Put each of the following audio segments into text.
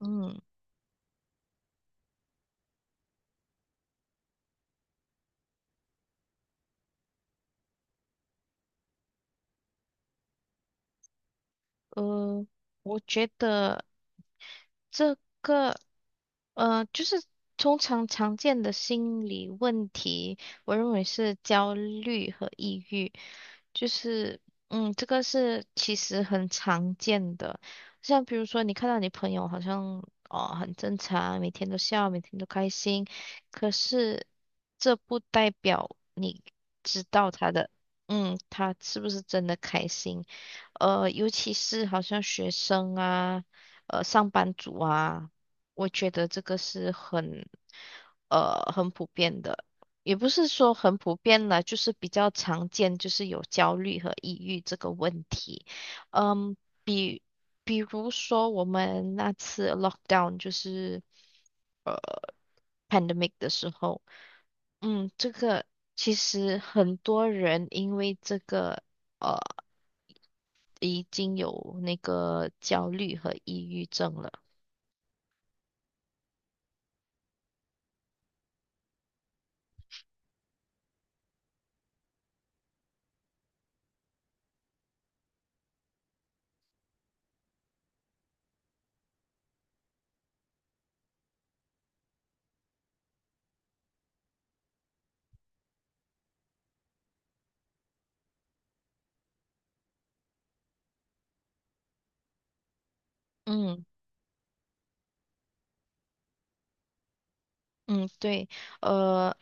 嗯，呃，我觉得这个，呃，就是通常常见的心理问题，我认为是焦虑和抑郁。就是，这个是其实很常见的，像比如说你看到你朋友好像，哦，很正常，每天都笑，每天都开心，可是这不代表你知道他的，嗯，他是不是真的开心。呃，尤其是好像学生啊，上班族啊，我觉得这个是很普遍的，也不是说很普遍了，就是比较常见，就是有焦虑和抑郁这个问题。嗯，比比如说我们那次 lockdown， 就是呃 pandemic 的时候。嗯，这个其实很多人因为这个，呃。已经有那个焦虑和抑郁症了。嗯嗯，对。呃，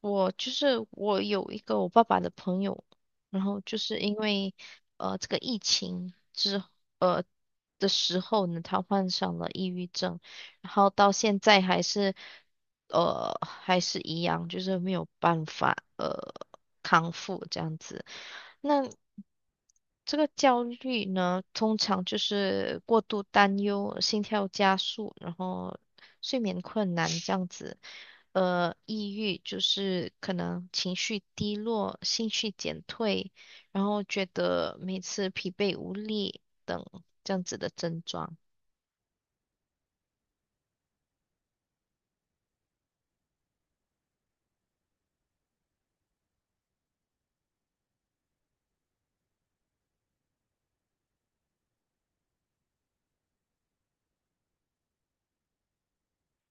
我就是我有一个我爸爸的朋友，然后就是因为这个疫情呃的时候呢，他患上了抑郁症。然后到现在还是，呃，还是一样，就是没有办法康复这样子。那这个焦虑呢，通常就是过度担忧、心跳加速，然后睡眠困难这样子。呃，抑郁就是可能情绪低落、兴趣减退，然后觉得每次疲惫无力等这样子的症状。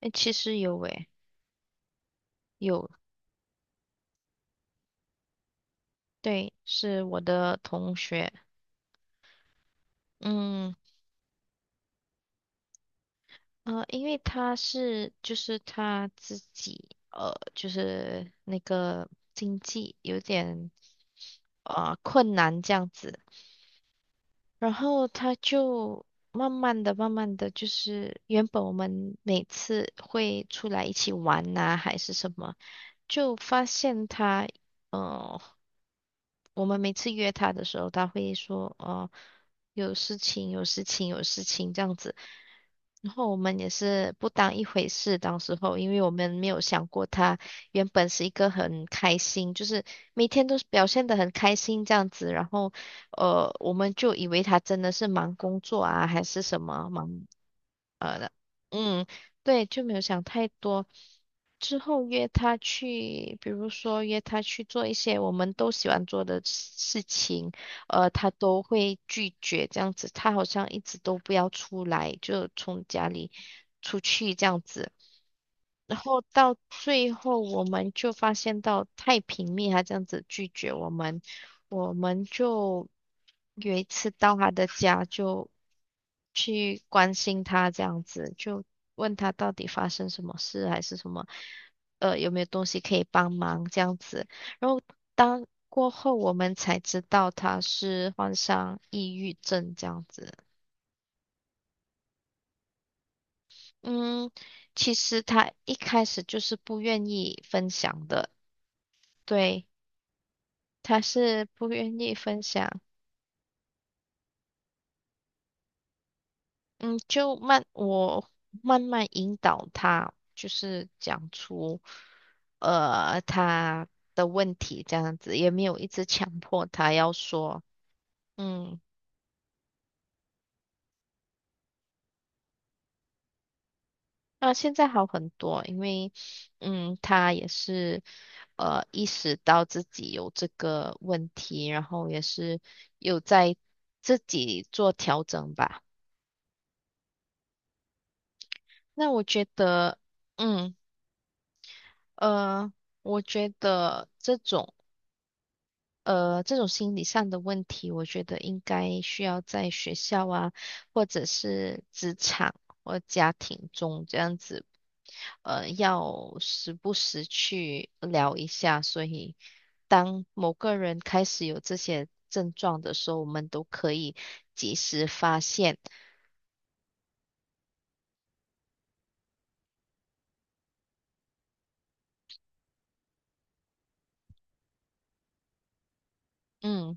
哎，其实有诶。对，是我的同学。嗯，呃，因为他自己，就是那个经济有点困难这样子。然后他就慢慢的，就是原本我们每次会出来一起玩呐、还是什么，就发现他。嗯，我们每次约他的时候，他会说，哦，有事情，有事情，有事情这样子。然后我们也是不当一回事，当时候，因为我们没有想过他原本是一个很开心，就是每天都是表现的很开心这样子。然后，呃，我们就以为他真的是忙工作啊，还是什么忙。嗯，对，就没有想太多。之后约他去，比如说约他去做一些我们都喜欢做的事情，呃，他都会拒绝这样子。他好像一直都不要出来，就从家里出去这样子。然后到最后，我们就发现到太平蜜，他这样子拒绝我们。我们就有一次到他的家，就去关心他，这样子就问他到底发生什么事，还是什么，呃，有没有东西可以帮忙这样子。然后当过后，我们才知道他是患上抑郁症这样子。嗯，其实他一开始就是不愿意分享的。对，他是不愿意分享。嗯，就慢，我慢慢引导他，就是讲出，呃，他的问题这样子，也没有一直强迫他要说。嗯，那现在好很多，因为，嗯，他也是，呃，意识到自己有这个问题，然后也是有在自己做调整吧。那我觉得，嗯，呃，我觉得这种，这种心理上的问题，我觉得应该需要在学校啊，或者是职场或家庭中这样子，呃，要时不时去聊一下。所以，当某个人开始有这些症状的时候，我们都可以及时发现。嗯。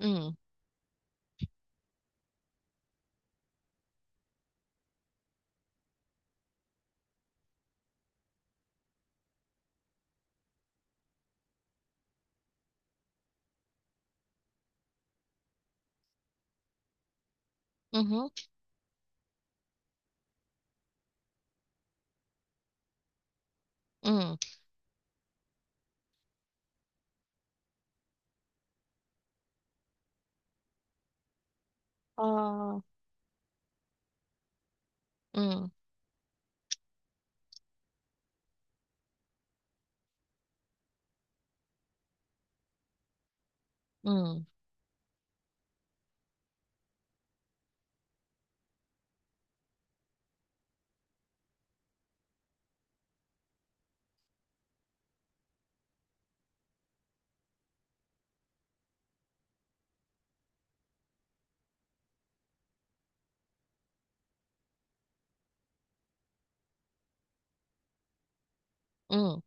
嗯。嗯哼。嗯。哦。嗯。嗯。嗯，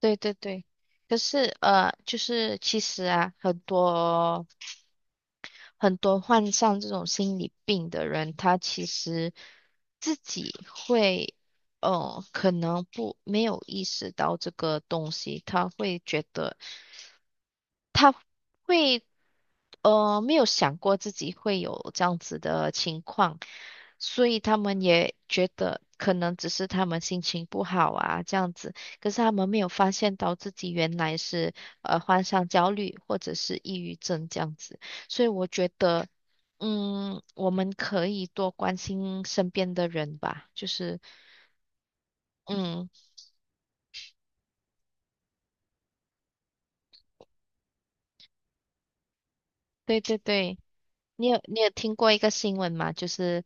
对对对。可是，呃，就是其实啊，很多患上这种心理病的人，他其实自己会，呃，可能不没有意识到这个东西。他会觉得。他会，呃，没有想过自己会有这样子的情况，所以他们也觉得可能只是他们心情不好啊，这样子。可是他们没有发现到自己原来是患上焦虑或者是抑郁症这样子。所以我觉得，嗯，我们可以多关心身边的人吧。嗯，对对对。你有听过一个新闻吗？就是，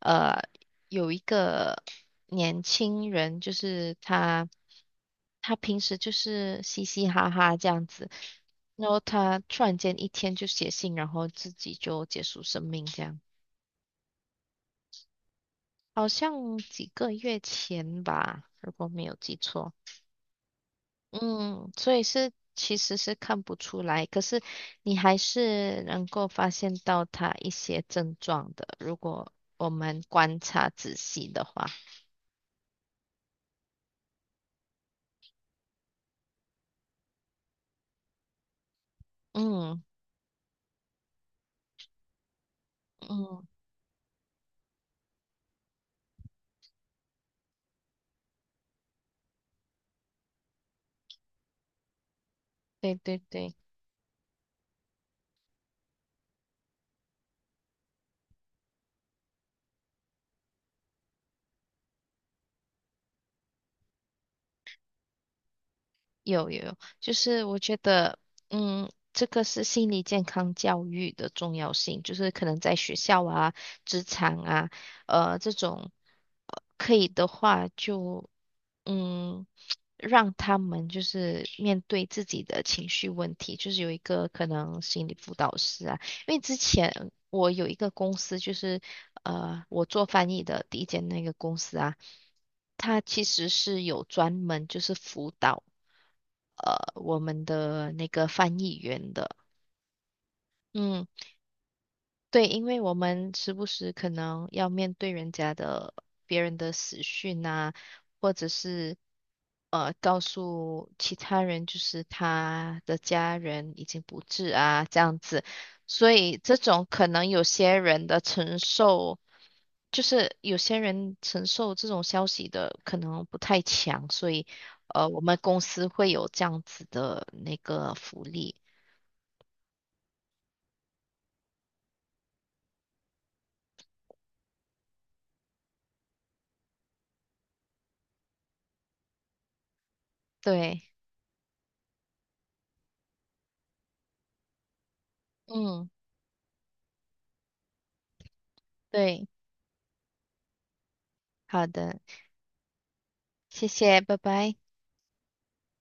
呃，有一个年轻人，就是他平时就是嘻嘻哈哈这样子，然后他突然间一天就写信，然后自己就结束生命这样。好像几个月前吧，如果没有记错。嗯，所以是其实是看不出来，可是你还是能够发现到他一些症状的，如果我们观察仔细的话。嗯。嗯，对对对。有有有，就是我觉得，嗯，这个是心理健康教育的重要性，就是可能在学校啊、职场啊，呃，这种，呃，可以的话就，嗯，让他们就是面对自己的情绪问题，就是有一个可能心理辅导师啊。因为之前我有一个公司，就是呃，我做翻译的第一间那个公司啊，它其实是有专门就是辅导，我们的那个翻译员的。嗯，对，因为我们时不时可能要面对人家的别人的死讯啊，或者是告诉其他人，就是他的家人已经不治啊，这样子。所以这种可能有些人承受这种消息的可能不太强，所以我们公司会有这样子的那个福利。对。嗯，对。好的，谢谢，拜拜。